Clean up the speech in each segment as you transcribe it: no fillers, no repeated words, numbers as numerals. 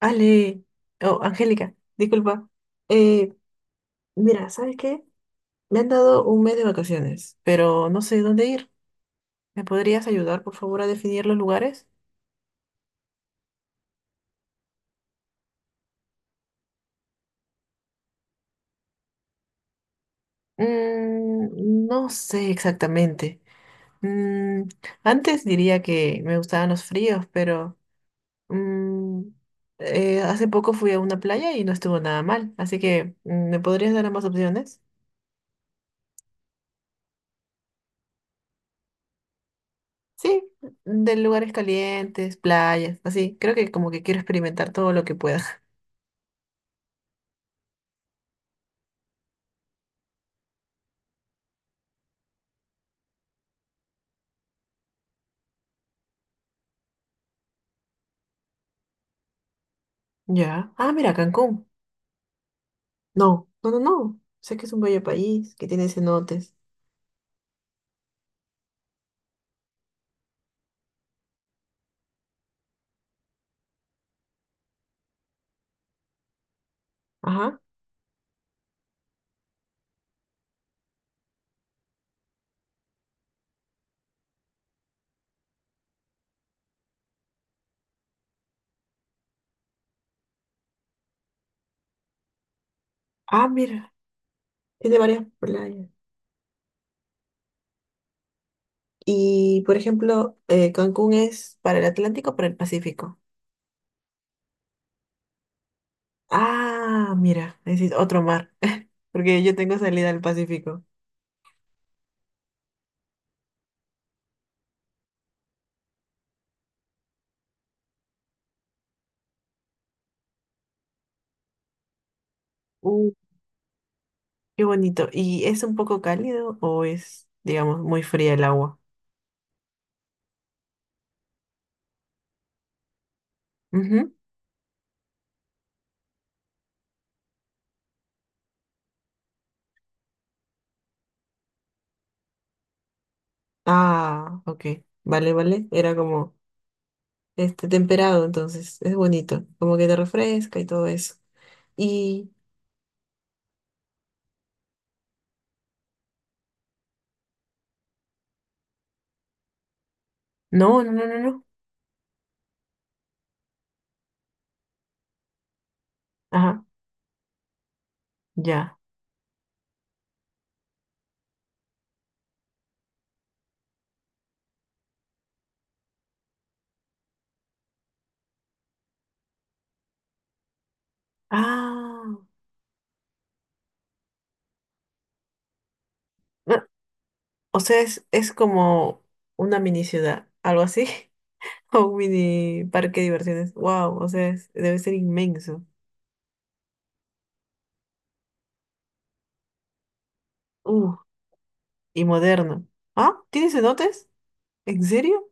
Ale, oh, Angélica, disculpa. Eh, Mira, ¿sabes qué? Me han dado un mes de vacaciones, pero no sé dónde ir. ¿Me podrías ayudar, por favor, a definir los lugares? No sé exactamente. Mm, Antes diría que me gustaban los fríos, pero mm, hace poco fui a una playa y no estuvo nada mal. Así que, ¿me podrías dar ambas opciones? Sí, de lugares calientes, playas, así. Creo que como que quiero experimentar todo lo que pueda. Ya. Ah, mira, Cancún. No, no, no, no. Sé que es un bello país, que tiene cenotes. Ajá. Ah, mira, tiene varias playas. Y, por ejemplo, Cancún ¿es para el Atlántico o para el Pacífico? Ah, mira, ese es otro mar, porque yo tengo salida al Pacífico. Uh, qué bonito. ¿Y es un poco cálido o es, digamos, muy fría el agua? Ujú. Ah, ok. Vale, vale. Era como… este, temperado, entonces es bonito, como que te refresca y todo eso. Y no, no, no, no, no. Ajá, ya. Ah, no, o sea, es como una mini ciudad, algo así, o un mini parque de diversiones. Wow, o sea, debe ser inmenso. Uh, y moderno. Ah, ¿tiene cenotes? ¿En serio?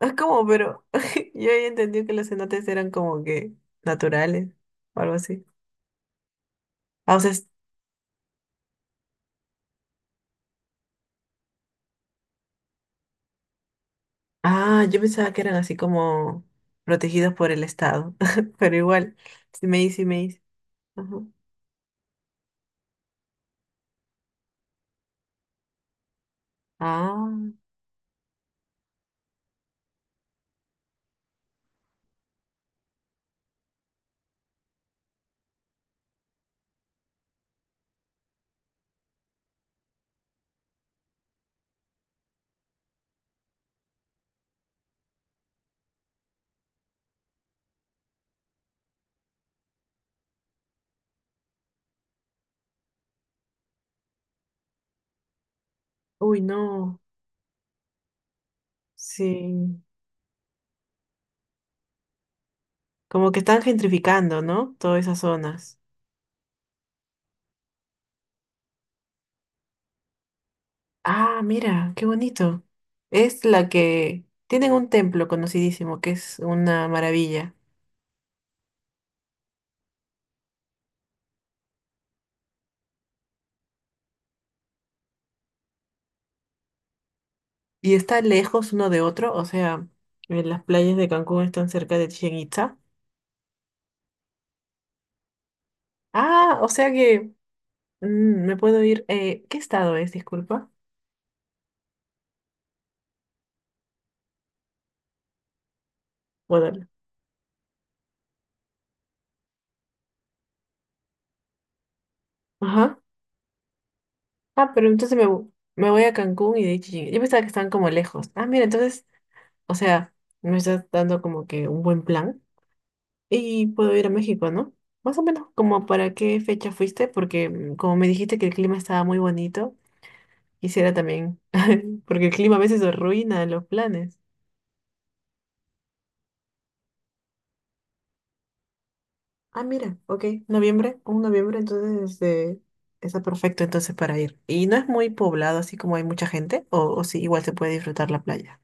Ah, ¿cómo? Pero yo había entendido que los cenotes eran como que naturales o algo así. Ah, o sea, ah, yo pensaba que eran así como protegidos por el Estado, pero igual, sí me hice. Ajá. Ah, uy, no, sí. Como que están gentrificando, ¿no? Todas esas zonas. Ah, mira, qué bonito. Es la que… Tienen un templo conocidísimo, que es una maravilla. ¿Y está lejos uno de otro, o sea, las playas de Cancún están cerca de Chichén Itzá? Ah, o sea que me puedo ir… ¿qué estado es? Disculpa. Bueno, ajá. Ah, pero entonces me voy a Cancún y de ahí Chillán. Yo pensaba que estaban como lejos. Ah, mira, entonces, o sea, me estás dando como que un buen plan y puedo ir a México, ¿no? Más o menos, ¿como para qué fecha fuiste? Porque como me dijiste que el clima estaba muy bonito, quisiera también, porque el clima a veces arruina los planes. Ah, mira, ok, noviembre, un noviembre, entonces este, está perfecto entonces para ir. ¿Y no es muy poblado, así como hay mucha gente, o sí, igual se puede disfrutar la playa?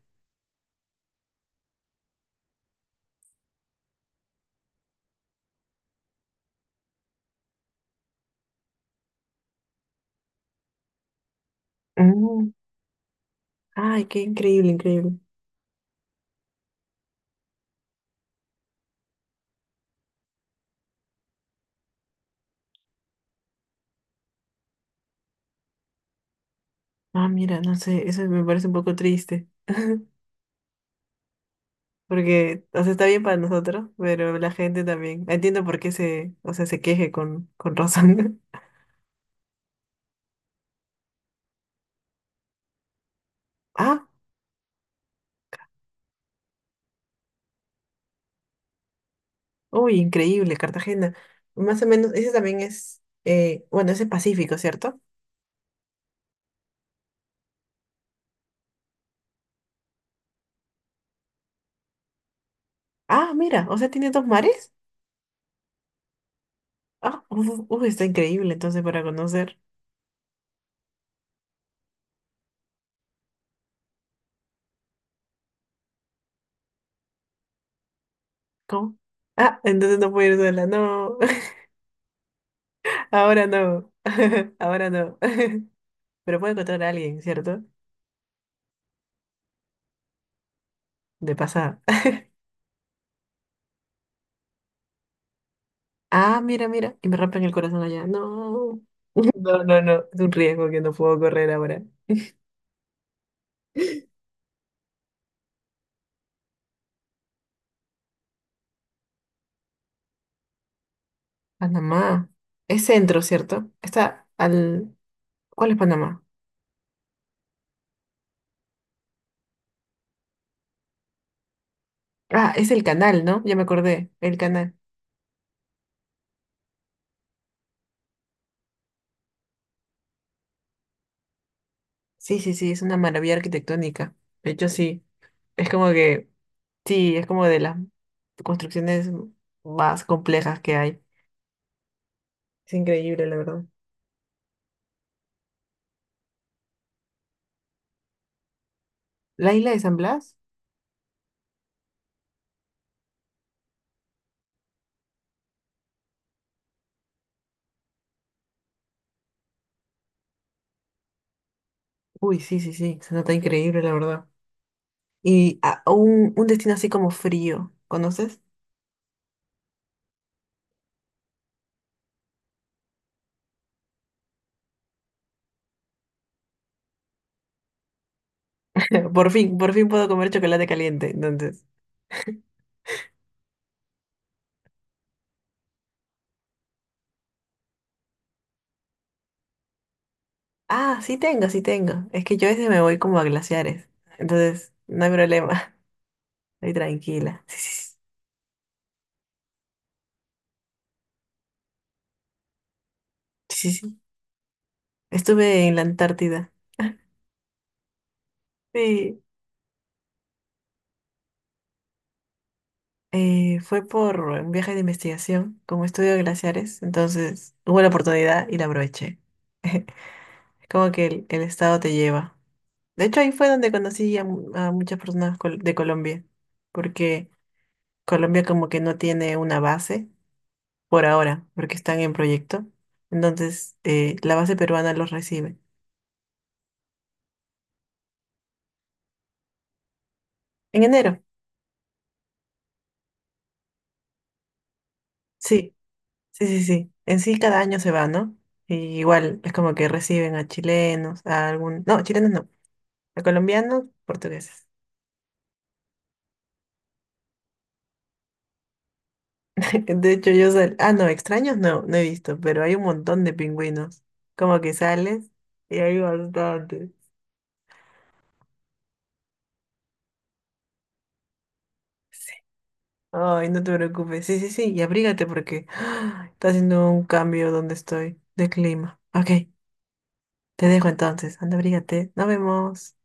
Mm. Ay, qué increíble, increíble. Ah, mira, no sé, eso me parece un poco triste. Porque, o sea, está bien para nosotros, pero la gente también. Entiendo por qué se, o sea, se queje con razón. Ah, uy, increíble, Cartagena. Más o menos, ese también es, bueno, ese es Pacífico, ¿cierto? Ah, mira, o sea, tiene dos mares. Ah, uy, uy, está increíble, entonces, para conocer. ¿Cómo? Ah, entonces no puedo ir sola, no. Ahora no. Ahora no. Pero puedo encontrar a alguien, ¿cierto? De pasada. Ah, mira, mira, y me rompen el corazón allá. No, no, no, no, es un riesgo que no puedo correr ahora. Panamá, es centro, ¿cierto? Está al… ¿Cuál es Panamá? Ah, es el canal, ¿no? Ya me acordé, el canal. Sí, sí, sí, es una maravilla arquitectónica. De hecho, sí, es como que, sí, es como de las construcciones más complejas que hay. Es increíble, la verdad. ¿La isla de San Blas? Uy, sí, sí, sí, se nota increíble, la verdad. Y un destino así como frío, ¿conoces? Por fin puedo comer chocolate caliente, entonces. Ah, sí tengo, sí tengo. Es que yo a veces me voy como a glaciares, entonces no hay problema, estoy tranquila. Sí, sí, sí, sí, sí. Sí. Estuve en la Antártida. Sí, fue por un viaje de investigación, como estudio glaciares, entonces hubo la oportunidad y la aproveché. Como que el estado te lleva. De hecho, ahí fue donde conocí a, a muchas personas de Colombia, porque Colombia como que no tiene una base por ahora, porque están en proyecto. Entonces, la base peruana los recibe. En enero, sí, sí, sí, sí. En sí cada año se va, ¿no? Y igual es como que reciben a chilenos, a algún… No, chilenos no, a colombianos, portugueses. De hecho, yo sal… Ah, no, extraños no, no he visto, pero hay un montón de pingüinos. Como que sales y hay bastantes. Sí. Ay, no te preocupes. Sí, sí, sí, y abrígate porque está haciendo un cambio donde estoy de clima. Ok, te dejo entonces. Anda, abrígate. Nos vemos.